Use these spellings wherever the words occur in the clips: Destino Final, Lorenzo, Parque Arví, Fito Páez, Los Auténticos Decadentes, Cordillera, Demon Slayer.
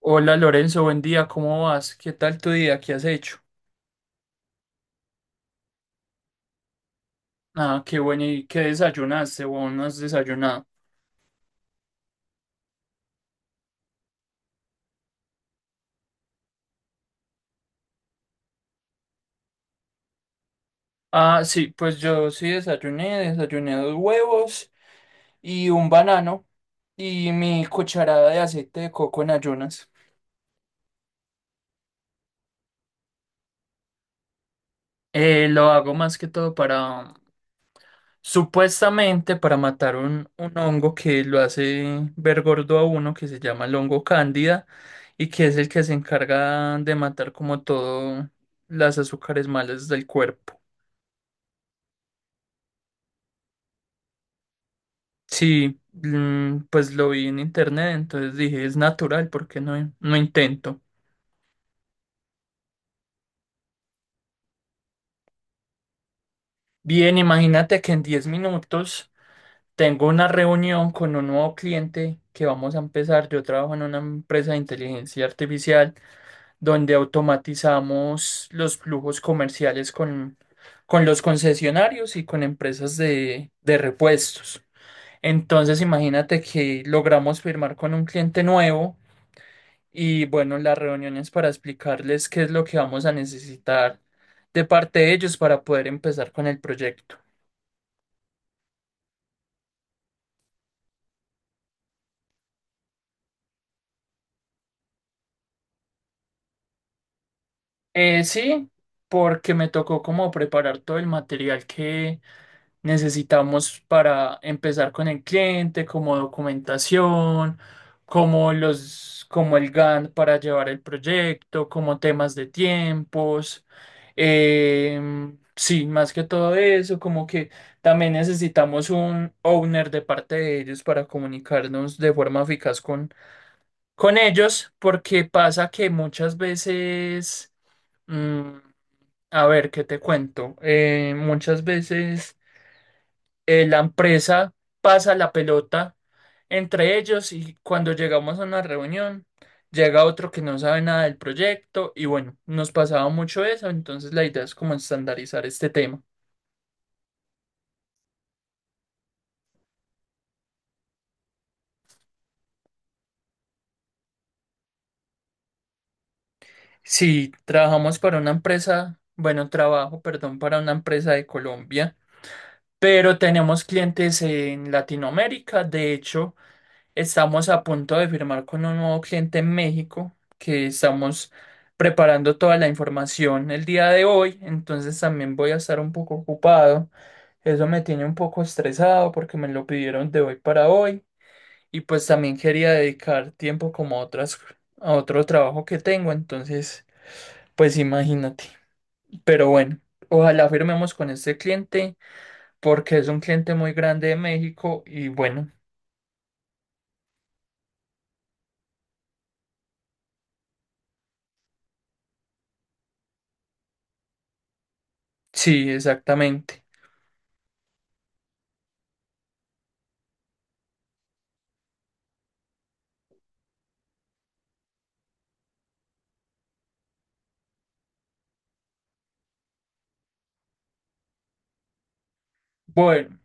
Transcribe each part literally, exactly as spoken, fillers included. Hola Lorenzo, buen día, ¿cómo vas? ¿Qué tal tu día? ¿Qué has hecho? Ah, qué bueno, ¿y qué desayunaste o no has desayunado? Ah, sí, pues yo sí desayuné, desayuné dos huevos y un banano y mi cucharada de aceite de coco en ayunas. Eh, lo hago más que todo, para Supuestamente, para matar un, un hongo que lo hace ver gordo a uno, que se llama el hongo cándida, y que es el que se encarga de matar como todo las azúcares malas del cuerpo. Sí, mm, pues lo vi en internet, entonces dije, es natural, ¿porque no, no intento? Bien, imagínate que en diez minutos tengo una reunión con un nuevo cliente que vamos a empezar. Yo trabajo en una empresa de inteligencia artificial, donde automatizamos los flujos comerciales con, con los concesionarios y con empresas de, de repuestos. Entonces, imagínate que logramos firmar con un cliente nuevo y bueno, las reuniones para explicarles qué es lo que vamos a necesitar de parte de ellos para poder empezar con el proyecto. Eh, sí, porque me tocó como preparar todo el material que necesitamos para empezar con el cliente, como documentación, como los, como el Gantt para llevar el proyecto, como temas de tiempos. Em, sí, más que todo eso, como que también necesitamos un owner de parte de ellos para comunicarnos de forma eficaz con, con ellos, porque pasa que muchas veces, mm, a ver, ¿qué te cuento? Eh, muchas veces eh, la empresa pasa la pelota entre ellos y cuando llegamos a una reunión, llega otro que no sabe nada del proyecto y bueno, nos pasaba mucho eso, entonces la idea es como estandarizar este tema. Si trabajamos para una empresa, bueno, trabajo, perdón, para una empresa de Colombia, pero tenemos clientes en Latinoamérica, de hecho. Estamos a punto de firmar con un nuevo cliente en México, que estamos preparando toda la información el día de hoy, entonces también voy a estar un poco ocupado. Eso me tiene un poco estresado porque me lo pidieron de hoy para hoy y pues también quería dedicar tiempo como a otras a otro trabajo que tengo, entonces pues imagínate. Pero bueno, ojalá firmemos con este cliente porque es un cliente muy grande de México y bueno, sí, exactamente. Bueno.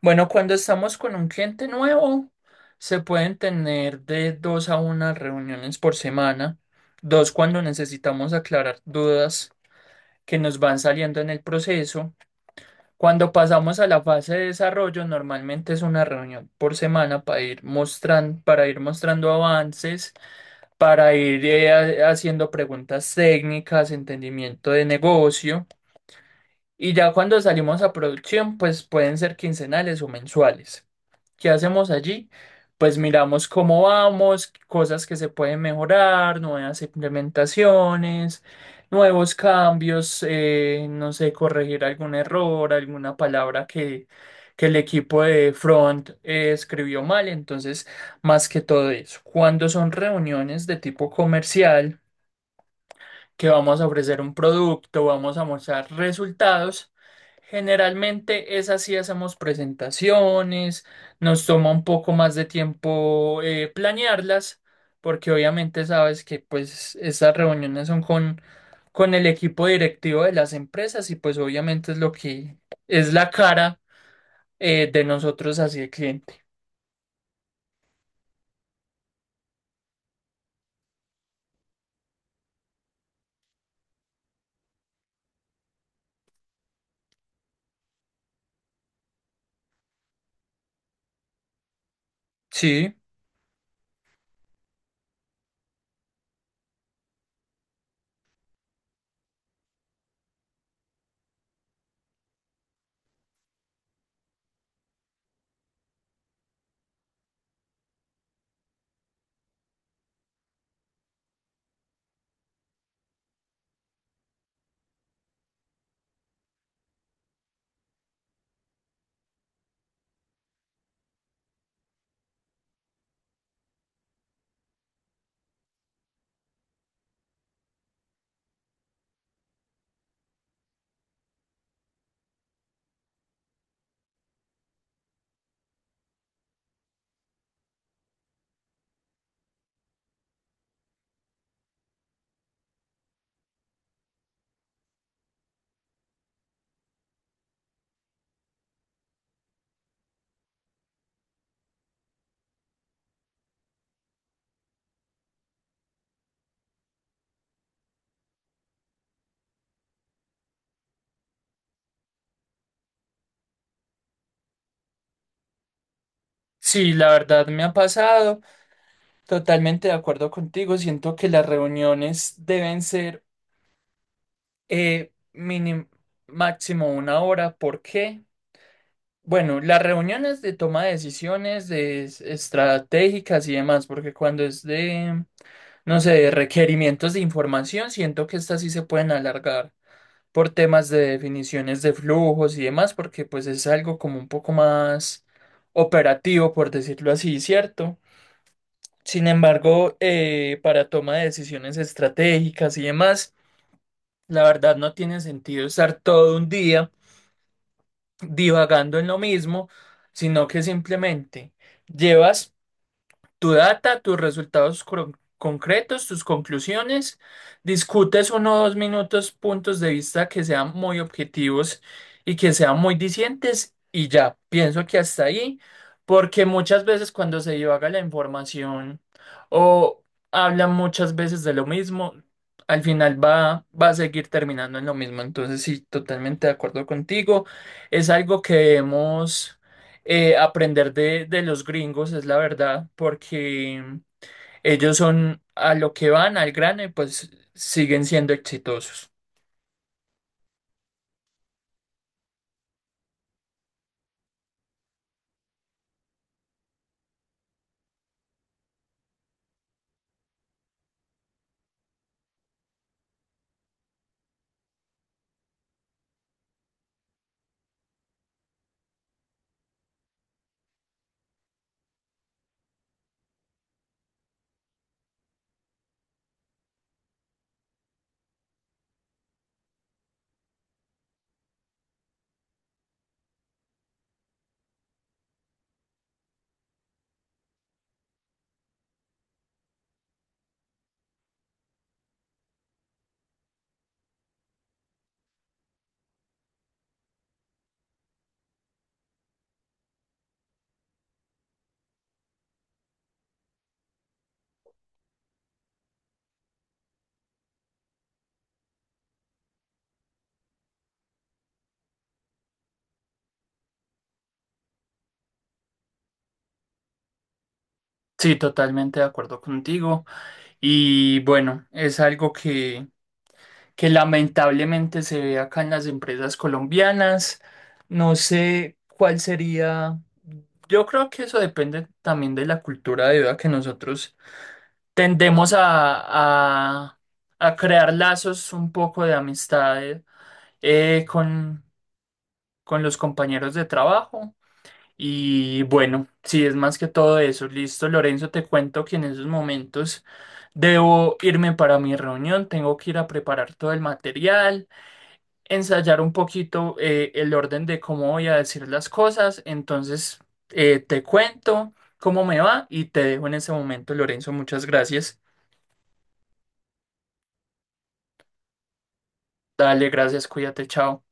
Bueno, cuando estamos con un cliente nuevo, se pueden tener de dos a unas reuniones por semana, dos cuando necesitamos aclarar dudas que nos van saliendo en el proceso. Cuando pasamos a la fase de desarrollo, normalmente es una reunión por semana para ir mostrando, para ir mostrando avances, para ir eh, ha- haciendo preguntas técnicas, entendimiento de negocio. Y ya cuando salimos a producción, pues pueden ser quincenales o mensuales. ¿Qué hacemos allí? Pues miramos cómo vamos, cosas que se pueden mejorar, nuevas implementaciones, nuevos cambios, eh, no sé, corregir algún error, alguna palabra que, que el equipo de front eh, escribió mal. Entonces, más que todo eso, cuando son reuniones de tipo comercial, que vamos a ofrecer un producto, vamos a mostrar resultados. Generalmente es así, hacemos presentaciones, nos toma un poco más de tiempo eh, planearlas, porque obviamente sabes que pues estas reuniones son con, con el equipo directivo de las empresas y pues obviamente es lo que es la cara eh, de nosotros hacia el cliente. Sí, sí, la verdad me ha pasado, totalmente de acuerdo contigo, siento que las reuniones deben ser eh, mínimo, máximo una hora. ¿Por qué? Bueno, las reuniones de toma de decisiones de es- estratégicas y demás, porque cuando es de, no sé, de requerimientos de información, siento que estas sí se pueden alargar por temas de definiciones de flujos y demás, porque pues es algo como un poco más operativo, por decirlo así, ¿cierto? Sin embargo, eh, para toma de decisiones estratégicas y demás, la verdad no tiene sentido estar todo un día divagando en lo mismo, sino que simplemente llevas tu data, tus resultados cro- concretos, tus conclusiones. Discutes uno o dos minutos puntos de vista que sean muy objetivos y que sean muy dicientes y ya, pienso que hasta ahí, porque muchas veces cuando se divaga la información o hablan muchas veces de lo mismo, al final va, va a seguir terminando en lo mismo. Entonces, sí, totalmente de acuerdo contigo. Es algo que debemos eh, aprender de, de los gringos, es la verdad, porque ellos son a lo que van, al grano, y pues siguen siendo exitosos. Sí, totalmente de acuerdo contigo. Y bueno, es algo que, que lamentablemente se ve acá en las empresas colombianas. No sé cuál sería. Yo creo que eso depende también de la cultura debido a que nosotros tendemos a, a, a crear lazos un poco de amistad eh, con, con los compañeros de trabajo. Y bueno, sí, es más que todo eso. Listo, Lorenzo, te cuento que en esos momentos debo irme para mi reunión, tengo que ir a preparar todo el material, ensayar un poquito eh, el orden de cómo voy a decir las cosas. Entonces, eh, te cuento cómo me va y te dejo en ese momento, Lorenzo. Muchas gracias. Dale, gracias, cuídate, chao.